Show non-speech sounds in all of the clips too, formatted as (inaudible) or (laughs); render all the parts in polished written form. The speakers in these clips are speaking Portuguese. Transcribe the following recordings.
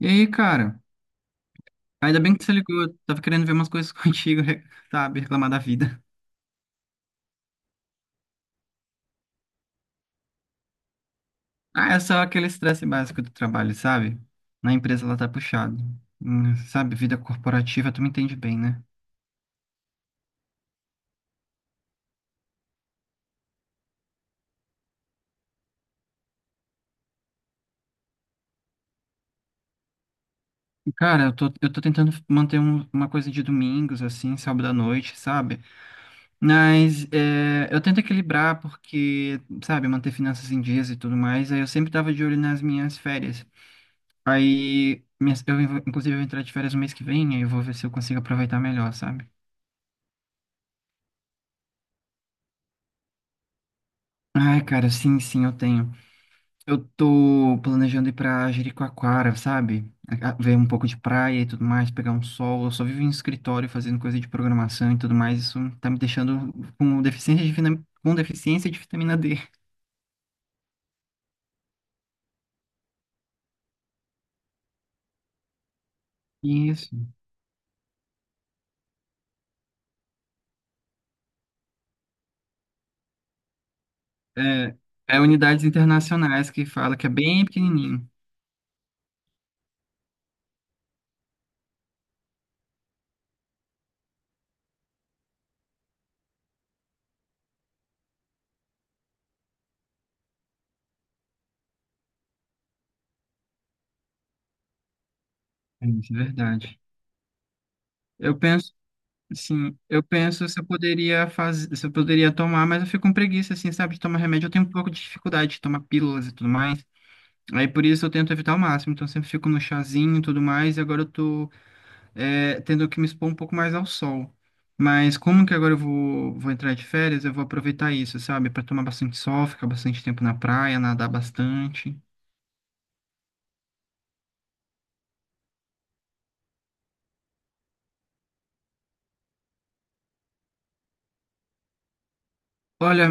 E aí, cara? Ainda bem que você ligou. Eu tava querendo ver umas coisas (laughs) contigo, sabe? Reclamar da vida. Ah, é só aquele estresse básico do trabalho, sabe? Na empresa ela tá puxado. Sabe, vida corporativa, tu me entende bem, né? Cara, eu tô tentando manter uma coisa de domingos, assim, sábado à noite, sabe? Mas é, eu tento equilibrar porque, sabe, manter finanças em dias e tudo mais. Aí eu sempre tava de olho nas minhas férias. Aí, inclusive, eu vou entrar de férias no mês que vem, aí eu vou ver se eu consigo aproveitar melhor, sabe? Ai, cara, sim, sim, eu tenho. Eu tô planejando ir pra Jericoacoara, sabe? Ver um pouco de praia e tudo mais, pegar um sol. Eu só vivo em escritório fazendo coisa de programação e tudo mais. Isso tá me deixando com deficiência de vitamina D. (laughs) Isso. É, é unidades internacionais que fala que é bem pequenininho. É isso, é verdade. Eu penso, sim, eu penso se eu poderia fazer, se eu poderia tomar, mas eu fico com preguiça, assim, sabe, de tomar remédio. Eu tenho um pouco de dificuldade de tomar pílulas e tudo mais. Aí por isso eu tento evitar ao máximo, então eu sempre fico no chazinho e tudo mais, e agora eu tô tendo que me expor um pouco mais ao sol. Mas como que agora vou entrar de férias, eu vou aproveitar isso, sabe? Pra tomar bastante sol, ficar bastante tempo na praia, nadar bastante. Olha,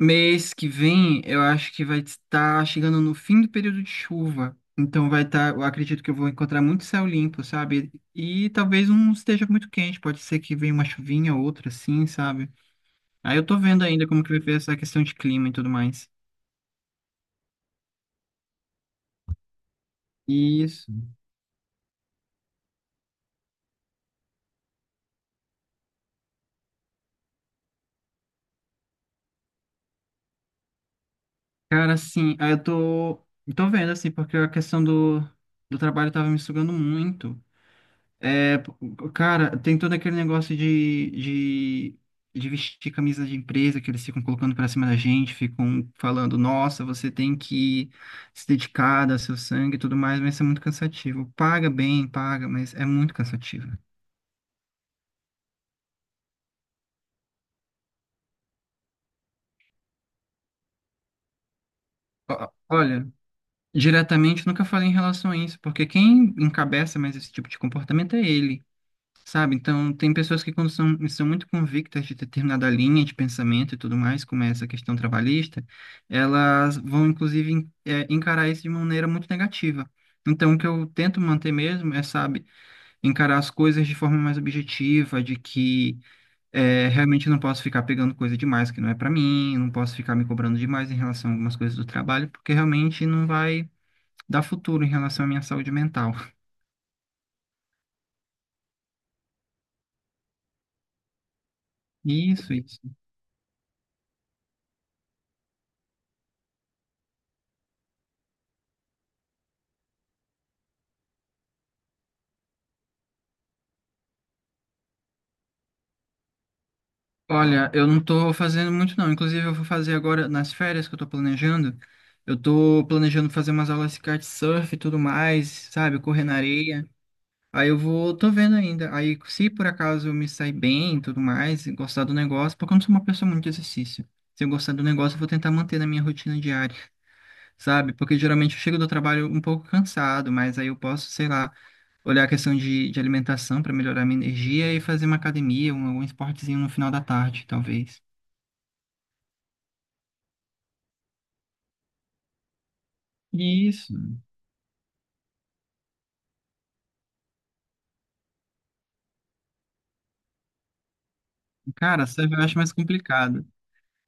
mês que vem eu acho que vai estar chegando no fim do período de chuva. Então vai estar, eu acredito que eu vou encontrar muito céu limpo, sabe? E talvez não esteja muito quente, pode ser que venha uma chuvinha ou outra assim, sabe? Aí eu tô vendo ainda como que vai ser essa questão de clima e tudo mais. Isso. Cara, assim, tô vendo, assim, porque a questão do trabalho tava me sugando muito. É, p- cara, tem todo aquele negócio de vestir camisa de empresa que eles ficam colocando pra cima da gente, ficam falando, nossa, você tem que se dedicar, dar seu sangue e tudo mais, mas isso é muito cansativo. Paga bem, paga, mas é muito cansativo. Olha, diretamente nunca falei em relação a isso, porque quem encabeça mais esse tipo de comportamento é ele, sabe? Então, tem pessoas que quando são muito convictas de determinada linha de pensamento e tudo mais, como é essa questão trabalhista, elas vão, inclusive, encarar isso de maneira muito negativa. Então, o que eu tento manter mesmo é, sabe, encarar as coisas de forma mais objetiva, de que realmente eu não posso ficar pegando coisa demais que não é para mim, não posso ficar me cobrando demais em relação a algumas coisas do trabalho, porque realmente não vai dar futuro em relação à minha saúde mental. Isso, isso. Olha, eu não tô fazendo muito não. Inclusive, eu vou fazer agora nas férias que eu tô planejando. Eu tô planejando fazer umas aulas de kitesurf e tudo mais, sabe? Correr na areia. Tô vendo ainda. Aí, se por acaso eu me sair bem e tudo mais, e gostar do negócio, porque eu não sou uma pessoa muito de exercício. Se eu gostar do negócio, eu vou tentar manter na minha rotina diária, sabe? Porque geralmente eu chego do trabalho um pouco cansado, mas aí eu posso, sei lá, olhar a questão de alimentação para melhorar minha energia e fazer uma academia, algum esportezinho no final da tarde, talvez. Isso. Cara, surf eu acho mais complicado.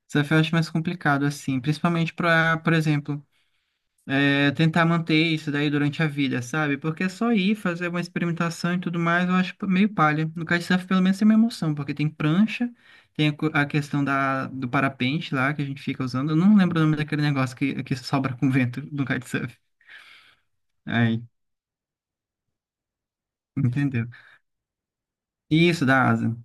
Surf eu acho mais complicado, assim, principalmente para, por exemplo, é, tentar manter isso daí durante a vida, sabe? Porque é só ir fazer uma experimentação e tudo mais, eu acho meio palha. No kitesurf, pelo menos, tem uma emoção, porque tem prancha, tem a questão do parapente lá, que a gente fica usando. Eu não lembro o nome daquele negócio que sobra com vento no kitesurf. Aí, entendeu? Isso, da asa.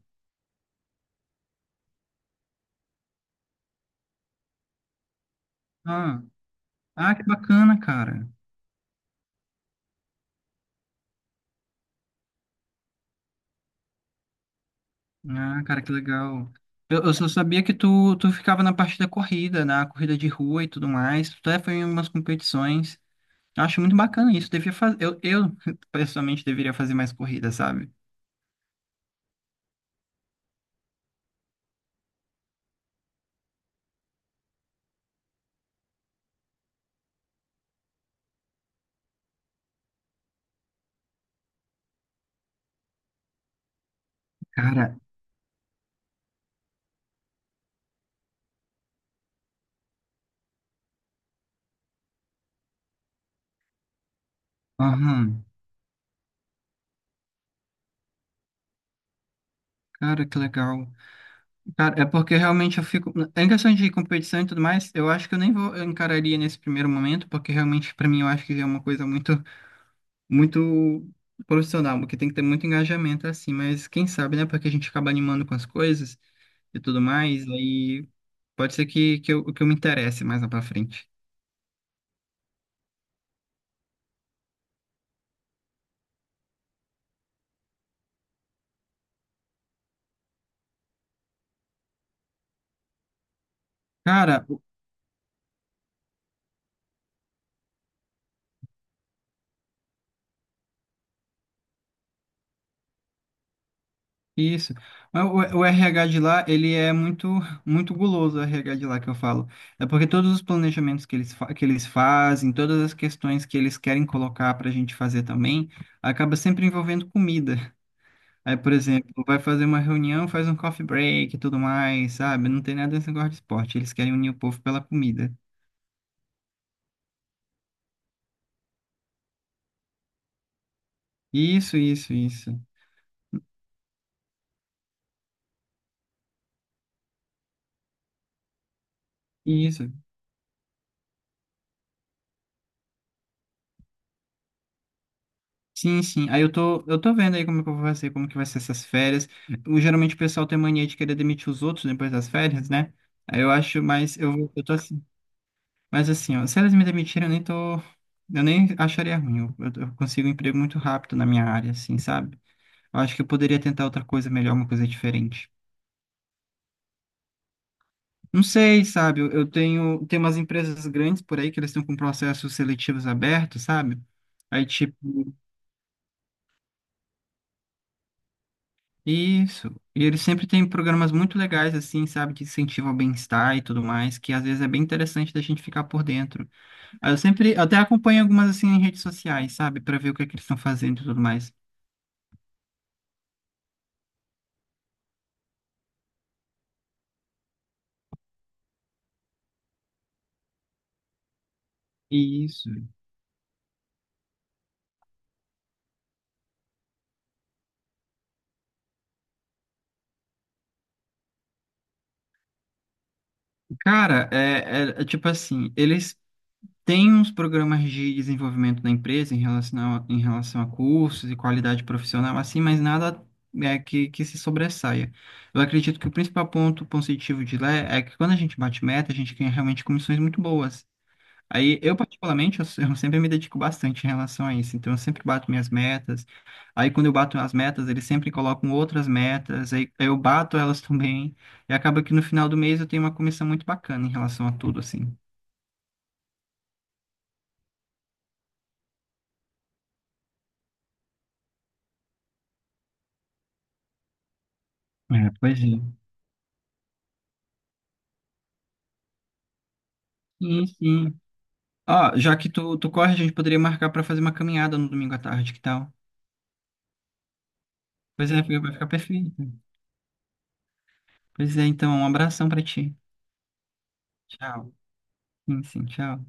Ah, ah, que bacana, cara. Ah, cara, que legal. Eu só sabia que tu ficava na parte da corrida, na corrida de rua e tudo mais. Tu até foi em umas competições. Eu acho muito bacana isso. Devia fazer, (laughs) pessoalmente, deveria fazer mais corrida, sabe? Cara, aham. Cara, que legal. Cara, é porque realmente eu fico. Em questão de competição e tudo mais, eu acho que eu nem vou eu encararia nesse primeiro momento, porque realmente, pra mim, eu acho que é uma coisa muito profissional, porque tem que ter muito engajamento assim, mas quem sabe, né? Porque a gente acaba animando com as coisas e tudo mais, aí pode ser que eu me interesse mais lá pra frente. Cara, o- isso. Mas o RH de lá, ele é muito, muito guloso, o RH de lá que eu falo. É porque todos os planejamentos que eles, que eles fazem, todas as questões que eles querem colocar para a gente fazer também, acaba sempre envolvendo comida. Aí, por exemplo, vai fazer uma reunião, faz um coffee break e tudo mais, sabe? Não tem nada desse negócio de esporte. Eles querem unir o povo pela comida. Isso, isso, isso. Isso. Sim, sim. Aí eu tô vendo aí como é que eu vou fazer, como que vai ser essas férias. O, geralmente o pessoal tem mania de querer demitir os outros depois das férias, né? Aí eu acho, mas eu tô assim. Mas assim, ó, se elas me demitirem, eu nem tô. Eu nem acharia ruim. Eu consigo um emprego muito rápido na minha área, assim, sabe? Eu acho que eu poderia tentar outra coisa melhor, uma coisa diferente. Não sei, sabe? Eu tenho, tem umas empresas grandes por aí que eles estão com processos seletivos abertos, sabe? Aí, tipo. Isso. E eles sempre têm programas muito legais, assim, sabe, que incentivam o bem-estar e tudo mais, que às vezes é bem interessante da gente ficar por dentro. Aí eu sempre até acompanho algumas, assim, em redes sociais, sabe, para ver o que é que eles estão fazendo e tudo mais. Isso. Cara, é tipo assim, eles tem uns programas de desenvolvimento da empresa em relação em relação a cursos e qualidade profissional, assim, mas nada é, que se sobressaia. Eu acredito que o principal ponto positivo de lá é que quando a gente bate meta, a gente ganha realmente comissões muito boas. Aí, eu particularmente, eu, se- eu sempre me dedico bastante em relação a isso. Então, eu sempre bato minhas metas. Aí, quando eu bato as metas, eles sempre colocam outras metas. Aí, eu bato elas também. E acaba que no final do mês eu tenho uma comissão muito bacana em relação a tudo, assim. É, pois é. Sim, sim. Ó, já que tu corre, a gente poderia marcar pra fazer uma caminhada no domingo à tarde, que tal? Vai ficar perfeito. Pois é, então, um abração pra ti. Tchau. Sim, sim, tchau.